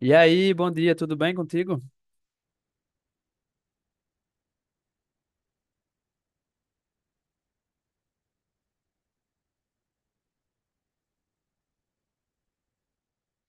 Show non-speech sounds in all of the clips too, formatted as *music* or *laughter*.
E aí, bom dia, tudo bem contigo?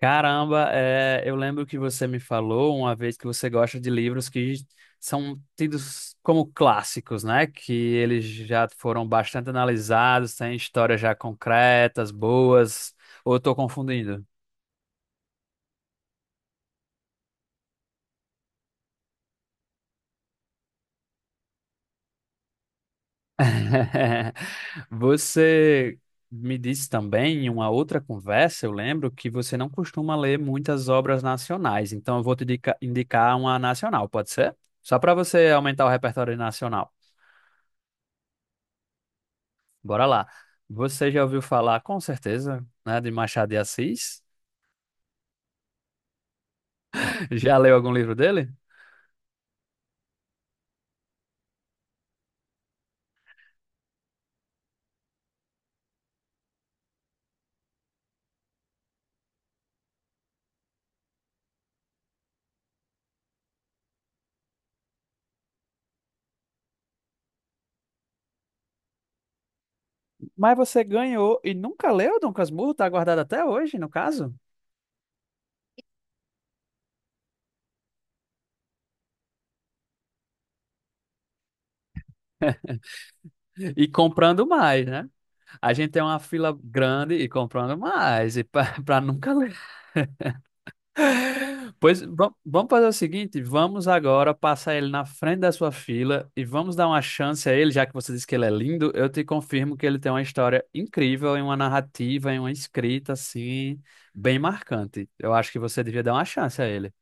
Caramba, eu lembro que você me falou uma vez que você gosta de livros que são tidos como clássicos, né? Que eles já foram bastante analisados, têm histórias já concretas, boas, ou eu tô confundindo? *laughs* Você me disse também em uma outra conversa, eu lembro que você não costuma ler muitas obras nacionais, então eu vou te indicar uma nacional, pode ser? Só para você aumentar o repertório nacional. Bora lá. Você já ouviu falar, com certeza, né, de Machado de Assis? *laughs* Já leu algum livro dele? Mas você ganhou e nunca leu Dom Casmurro, tá guardado até hoje, no caso? E comprando mais, né? A gente tem uma fila grande e comprando mais, e para *laughs* nunca ler. Vamos fazer o seguinte, vamos agora passar ele na frente da sua fila e vamos dar uma chance a ele, já que você disse que ele é lindo, eu te confirmo que ele tem uma história incrível, em uma narrativa, em uma escrita assim, bem marcante. Eu acho que você devia dar uma chance a ele.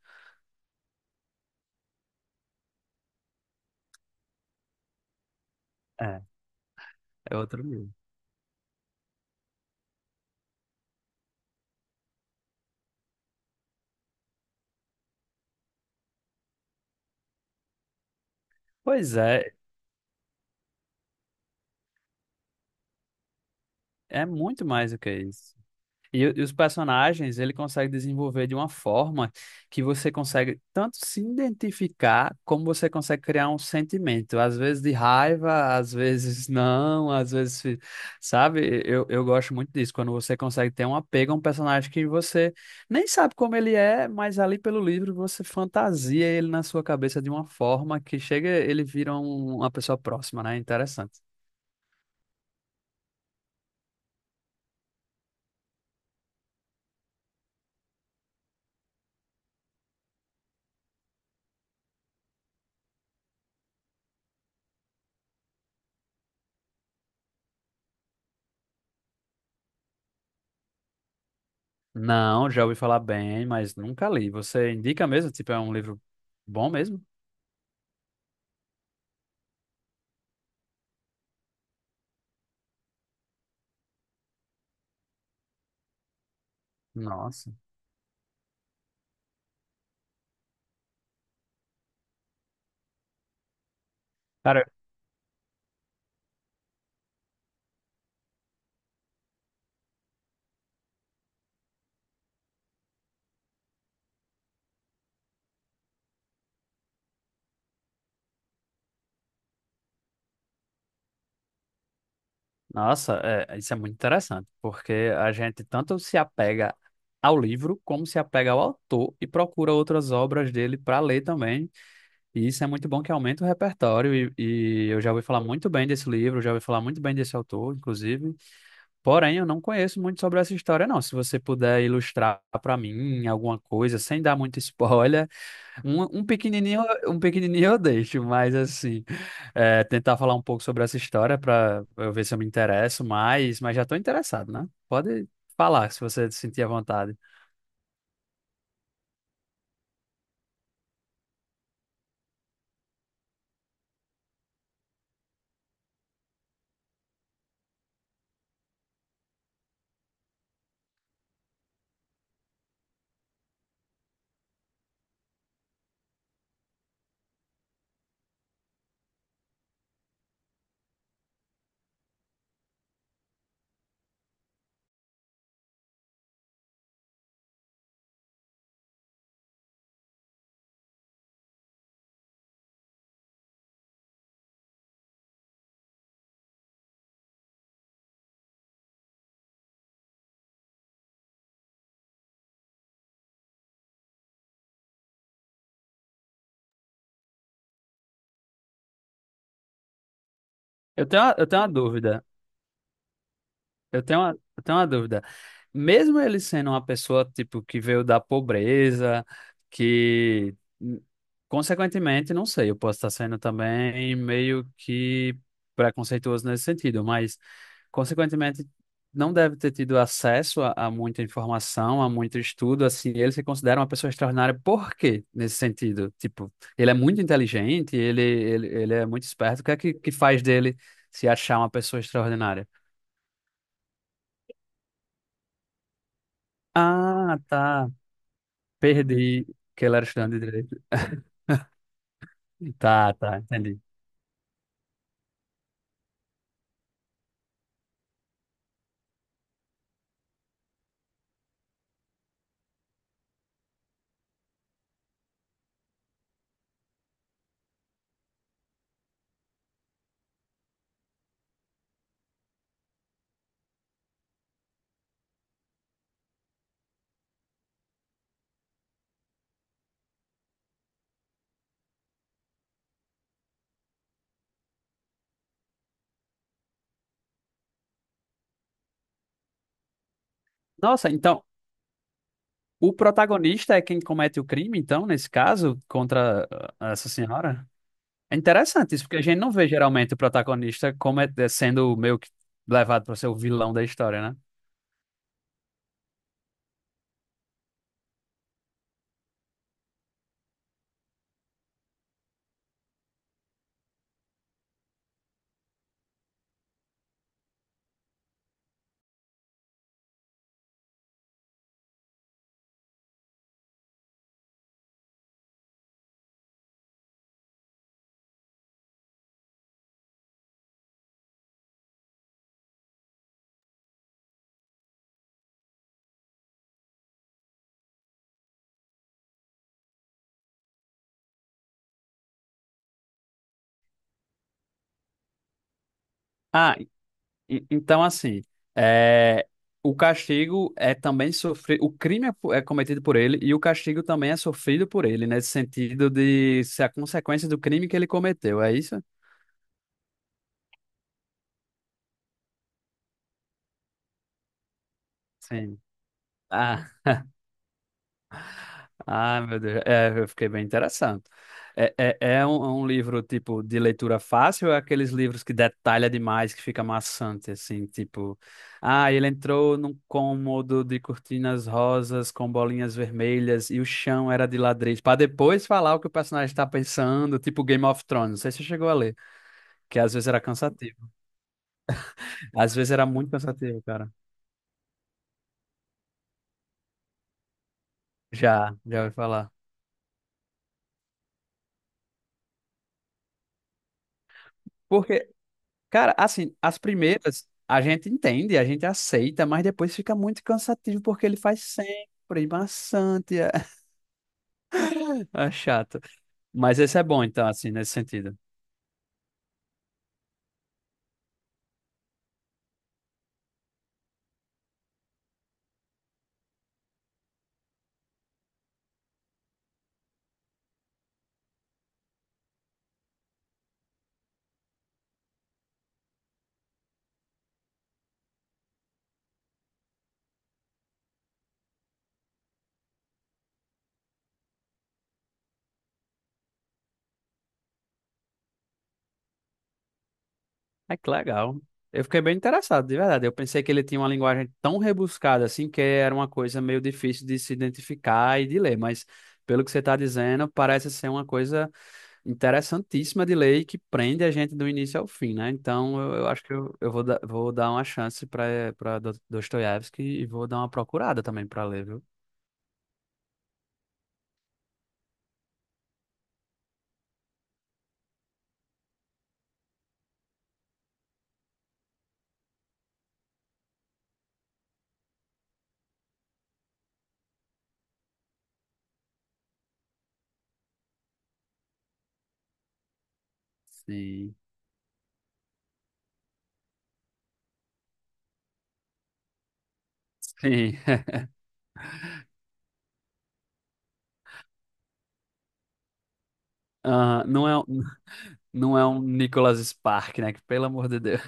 É, é outro livro. Pois é, é muito mais do que isso. E os personagens, ele consegue desenvolver de uma forma que você consegue tanto se identificar, como você consegue criar um sentimento, às vezes de raiva, às vezes *laughs* não, sabe? Eu gosto muito disso, quando você consegue ter um apego a um personagem que você nem sabe como ele é, mas ali pelo livro você fantasia ele na sua cabeça de uma forma que chega, ele vira uma pessoa próxima, né? Interessante. Não, já ouvi falar bem, mas nunca li. Você indica mesmo? Tipo, é um livro bom mesmo? Nossa. Cara, nossa, isso é muito interessante, porque a gente tanto se apega ao livro, como se apega ao autor e procura outras obras dele para ler também. E isso é muito bom que aumenta o repertório. E eu já ouvi falar muito bem desse livro, já ouvi falar muito bem desse autor, inclusive. Porém, eu não conheço muito sobre essa história, não. Se você puder ilustrar para mim alguma coisa, sem dar muito *laughs* spoiler. Um, um pequenininho eu deixo, mas assim, tentar falar um pouco sobre essa história para eu ver se eu me interesso mais, mas já estou interessado, né? Pode falar se você sentir à vontade. Eu tenho uma dúvida. Eu tenho uma dúvida. Mesmo ele sendo uma pessoa, tipo, que veio da pobreza, que, n- consequentemente, não sei, eu posso estar sendo também meio que preconceituoso nesse sentido, mas, consequentemente, não deve ter tido acesso a muita informação, a muito estudo, assim, ele se considera uma pessoa extraordinária. Por quê, nesse sentido? Tipo, ele é muito inteligente, ele é muito esperto. O que é que faz dele se achar uma pessoa extraordinária? Ah, tá. Perdi que ela era estudante de direito. *laughs* Tá, tá, entendi. Nossa, então o protagonista é quem comete o crime, então, nesse caso, contra ah, essa senhora? É interessante isso, porque a gente não vê geralmente o protagonista como é sendo meio que levado para ser o vilão da história, né? Ah, e- então assim, é, o castigo é também sofrido, o crime é, é cometido por ele e o castigo também é sofrido por ele, nesse sentido de ser a consequência do crime que ele cometeu, é isso? Sim. Ah, ah, meu Deus. É, eu fiquei bem interessado. É um livro, tipo, de leitura fácil ou é aqueles livros que detalha demais, que fica maçante, assim, tipo... Ah, ele entrou num cômodo de cortinas rosas com bolinhas vermelhas e o chão era de ladrilhos, para depois falar o que o personagem está pensando, tipo Game of Thrones. Não sei se você chegou a ler, que às vezes era cansativo. Às vezes era muito cansativo, cara. Já, já ouvi falar. Porque cara, assim, as primeiras a gente entende, a gente aceita, mas depois fica muito cansativo porque ele faz sempre, e maçante, *laughs* é chato. Mas esse é bom, então, assim, nesse sentido. É que legal. Eu fiquei bem interessado, de verdade. Eu pensei que ele tinha uma linguagem tão rebuscada, assim, que era uma coisa meio difícil de se identificar e de ler, mas pelo que você está dizendo, parece ser uma coisa interessantíssima de lei que prende a gente do início ao fim, né? Então eu acho que eu vou, vou dar uma chance para para Dostoiévski e vou dar uma procurada também para ler, viu? Sim. Sim. *laughs* Ah, não é, um- não é um Nicholas Spark, né? Que, pelo amor de Deus.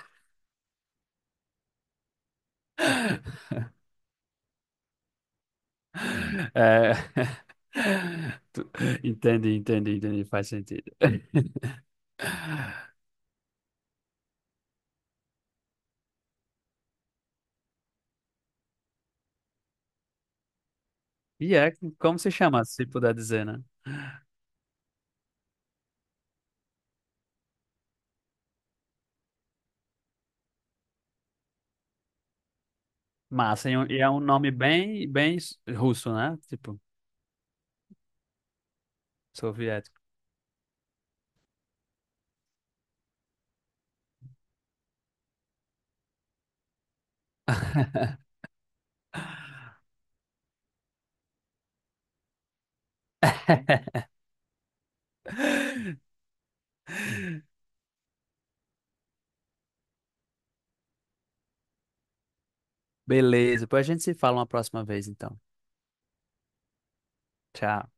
*laughs* É. *laughs* Tu- Entendi, entendi. Faz sentido. *laughs* E é como se chama, se puder dizer, né? Massa. E é um nome bem, bem russo, né? Tipo, soviético. *laughs* Beleza, depois a gente se fala uma próxima vez, então. Tchau.